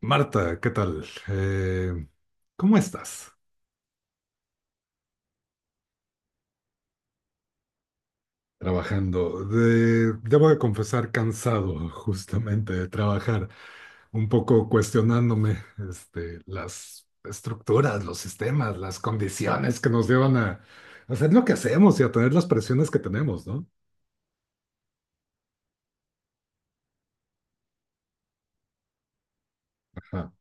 Marta, ¿qué tal? ¿Cómo estás? Trabajando. Debo de confesar cansado justamente de trabajar, un poco cuestionándome este, las estructuras, los sistemas, las condiciones que nos llevan a hacer lo que hacemos y a tener las presiones que tenemos, ¿no? Ajá.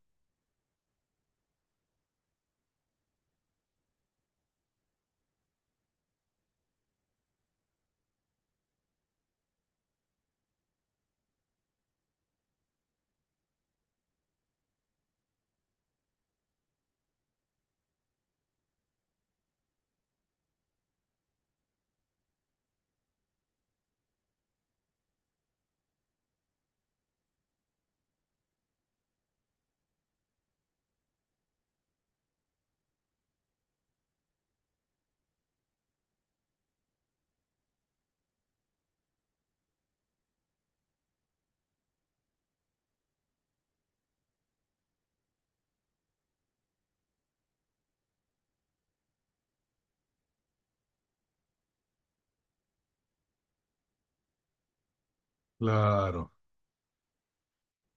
Claro.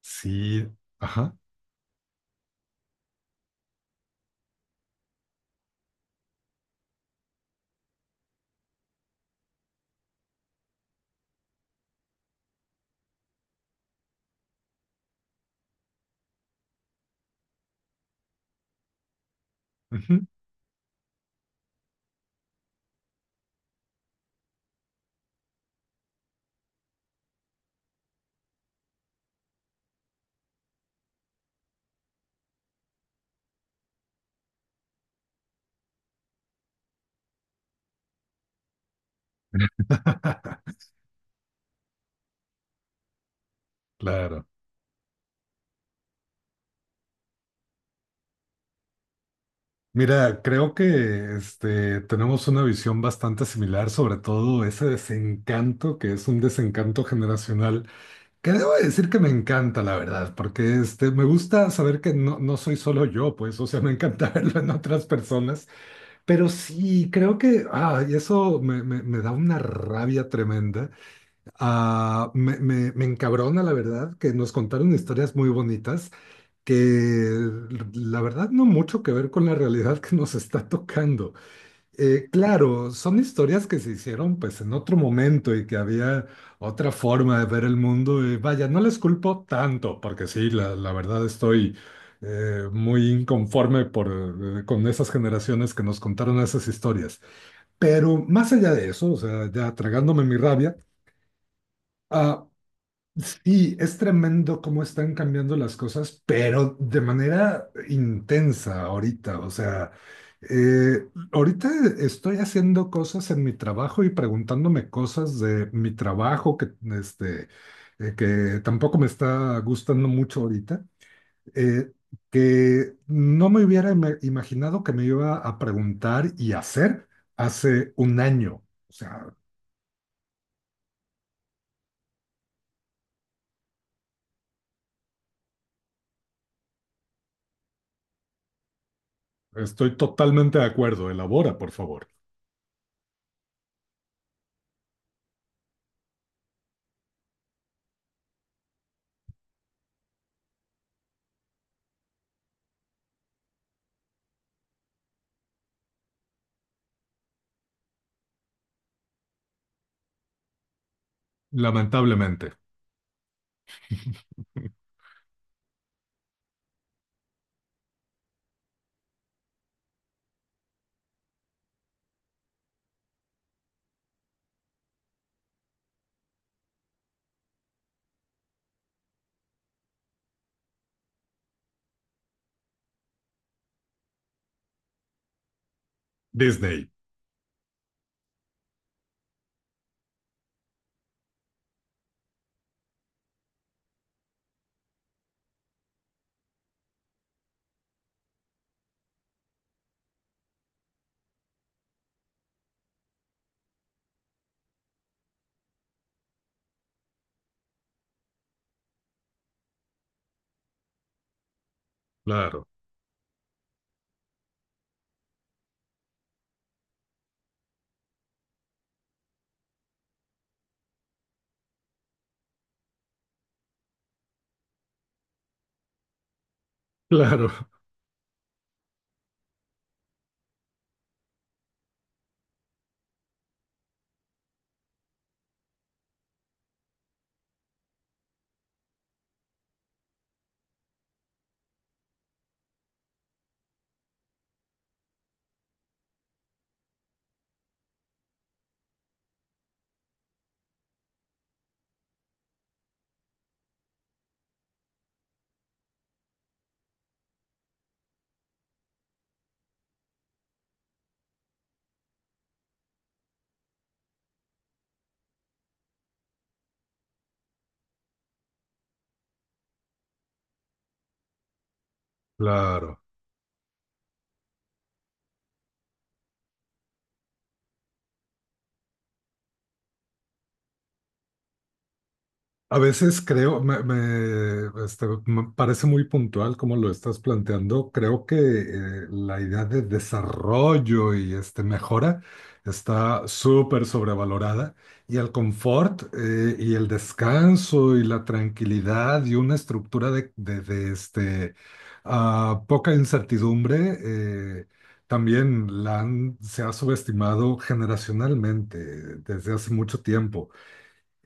Sí. Ajá. Ujú. Claro. Mira, creo que este, tenemos una visión bastante similar, sobre todo ese desencanto, que es un desencanto generacional, que debo decir que me encanta, la verdad, porque este, me gusta saber que no, no soy solo yo, pues, o sea, me encanta verlo en otras personas, pero sí, creo que, y eso me da una rabia tremenda, me encabrona, la verdad, que nos contaron historias muy bonitas que la verdad no mucho que ver con la realidad que nos está tocando. Claro, son historias que se hicieron pues en otro momento y que había otra forma de ver el mundo y vaya, no les culpo tanto porque sí, la verdad estoy muy inconforme con esas generaciones que nos contaron esas historias. Pero más allá de eso, o sea, ya tragándome mi rabia, ah, sí, es tremendo cómo están cambiando las cosas, pero de manera intensa ahorita. O sea, eh, ahorita estoy haciendo cosas en mi trabajo y preguntándome cosas de mi trabajo que, este, que tampoco me está gustando mucho ahorita, eh, que no me hubiera imaginado que me iba a preguntar y hacer hace un año. O sea, estoy totalmente de acuerdo. Elabora, por favor. Lamentablemente. Disney, claro, claro, claro. A veces creo, este, me parece muy puntual como lo estás planteando. Creo que la idea de desarrollo y este, mejora está súper sobrevalorada y el confort y el descanso y la tranquilidad y una estructura de, este, poca incertidumbre también se ha subestimado generacionalmente desde hace mucho tiempo.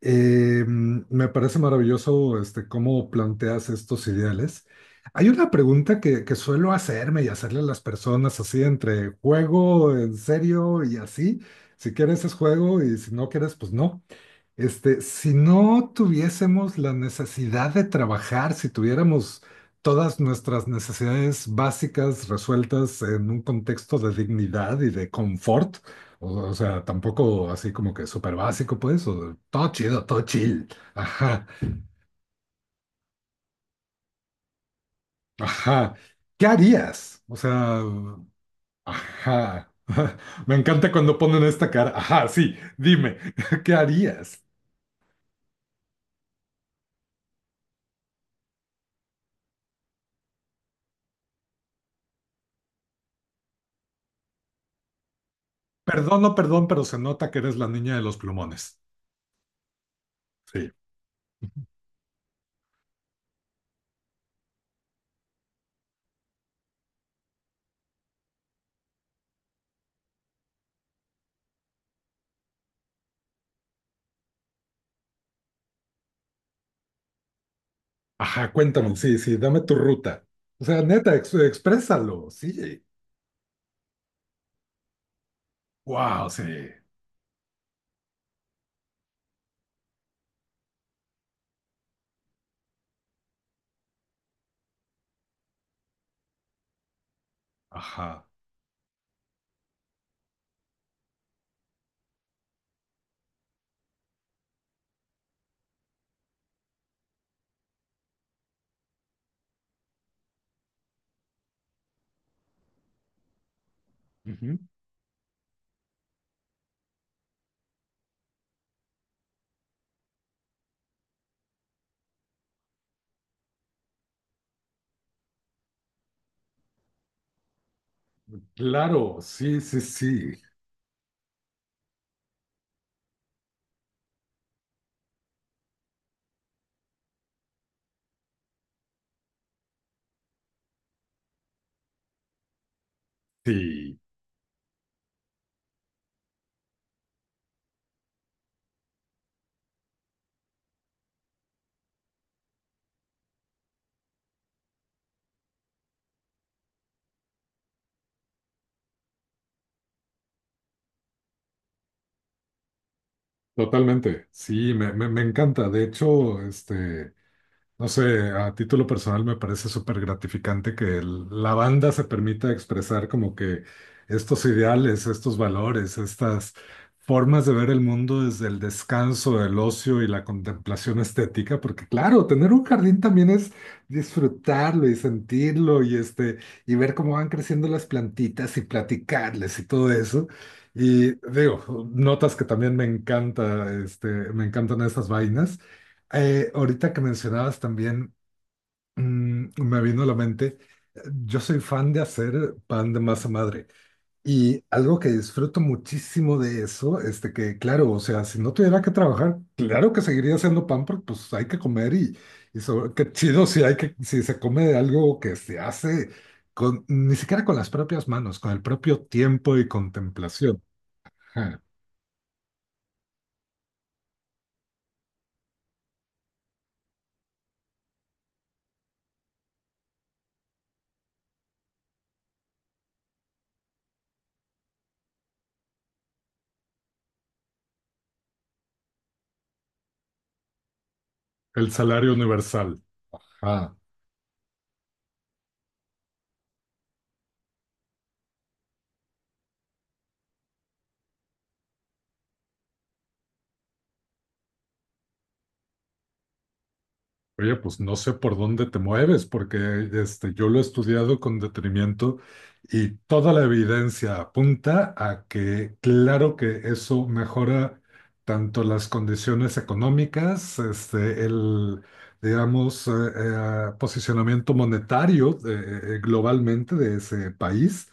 Me parece maravilloso este, cómo planteas estos ideales. Hay una pregunta que suelo hacerme y hacerle a las personas así entre juego, en serio y así. Si quieres es juego y si no quieres, pues no. Este, si no tuviésemos la necesidad de trabajar, si tuviéramos todas nuestras necesidades básicas resueltas en un contexto de dignidad y de confort, o sea, tampoco así como que súper básico, pues, o todo chido, todo chill. Ajá, ajá. ¿Qué harías? O sea, ajá. Me encanta cuando ponen esta cara. Ajá, sí, dime, ¿qué harías? Perdón, no, perdón, pero se nota que eres la niña de los plumones. Sí. Ajá, cuéntame, sí, sí, dame tu ruta. O sea, neta, exprésalo, sí. Wow, sí. Ajá. Ujú. Claro, sí, sí, sí. Sí, totalmente. Sí, me encanta. De hecho, este. No sé, a título personal me parece súper gratificante que la banda se permita expresar como que estos ideales, estos valores, estas formas de ver el mundo desde el descanso, el ocio y la contemplación estética, porque claro, tener un jardín también es disfrutarlo y sentirlo y este y ver cómo van creciendo las plantitas y platicarles y todo eso. Y digo, notas que también me encanta, este, me encantan estas vainas. Ahorita que mencionabas también, me vino a la mente, yo soy fan de hacer pan de masa madre y algo que disfruto muchísimo de eso, este que claro, o sea, si no tuviera que trabajar, claro que seguiría haciendo pan porque pues hay que comer y, qué chido si hay que, si se come de algo que se hace con, ni siquiera con las propias manos, con el propio tiempo y contemplación. Ja. El salario universal. Ah. Oye, pues no sé por dónde te mueves, porque este, yo lo he estudiado con detenimiento y toda la evidencia apunta a que claro que eso mejora tanto las condiciones económicas, este, el, digamos, posicionamiento monetario globalmente de ese país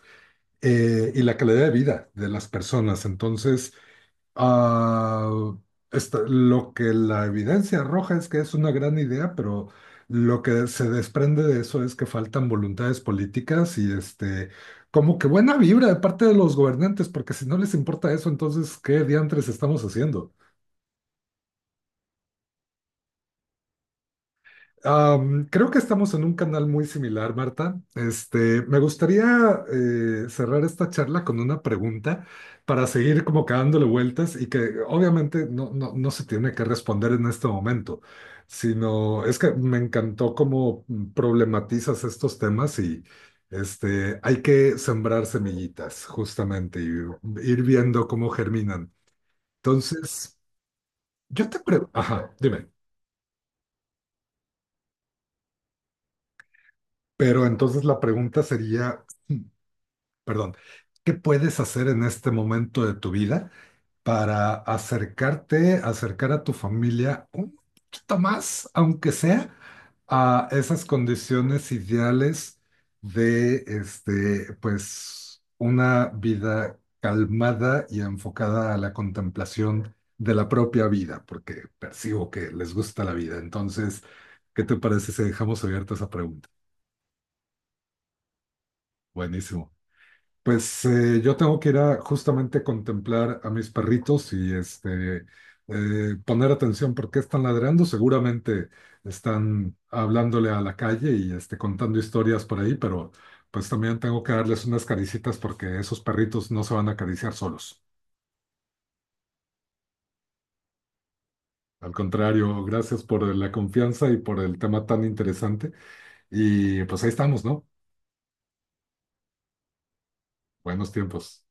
y la calidad de vida de las personas. Entonces, Ah, lo que la evidencia arroja es que es una gran idea, pero lo que se desprende de eso es que faltan voluntades políticas y este, como que buena vibra de parte de los gobernantes, porque si no les importa eso, entonces, ¿qué diantres estamos haciendo? Creo que estamos en un canal muy similar, Marta. Este, me gustaría cerrar esta charla con una pregunta para seguir como que dándole vueltas y que obviamente no, no, no se tiene que responder en este momento, sino es que me encantó cómo problematizas estos temas y este, hay que sembrar semillitas justamente y ir viendo cómo germinan. Entonces, yo te pregunto, ajá, dime, pero entonces la pregunta sería, perdón, ¿qué puedes hacer en este momento de tu vida para acercarte, acercar a tu familia un poquito más, aunque sea, a esas condiciones ideales de, este, pues, una vida calmada y enfocada a la contemplación de la propia vida, porque percibo que les gusta la vida. Entonces, ¿qué te parece si dejamos abierta esa pregunta? Buenísimo. Pues yo tengo que ir a justamente contemplar a mis perritos y este poner atención porque están ladrando. Seguramente están hablándole a la calle y este, contando historias por ahí, pero pues también tengo que darles unas caricitas porque esos perritos no se van a acariciar solos. Al contrario, gracias por la confianza y por el tema tan interesante. Y pues ahí estamos, ¿no? Buenos tiempos.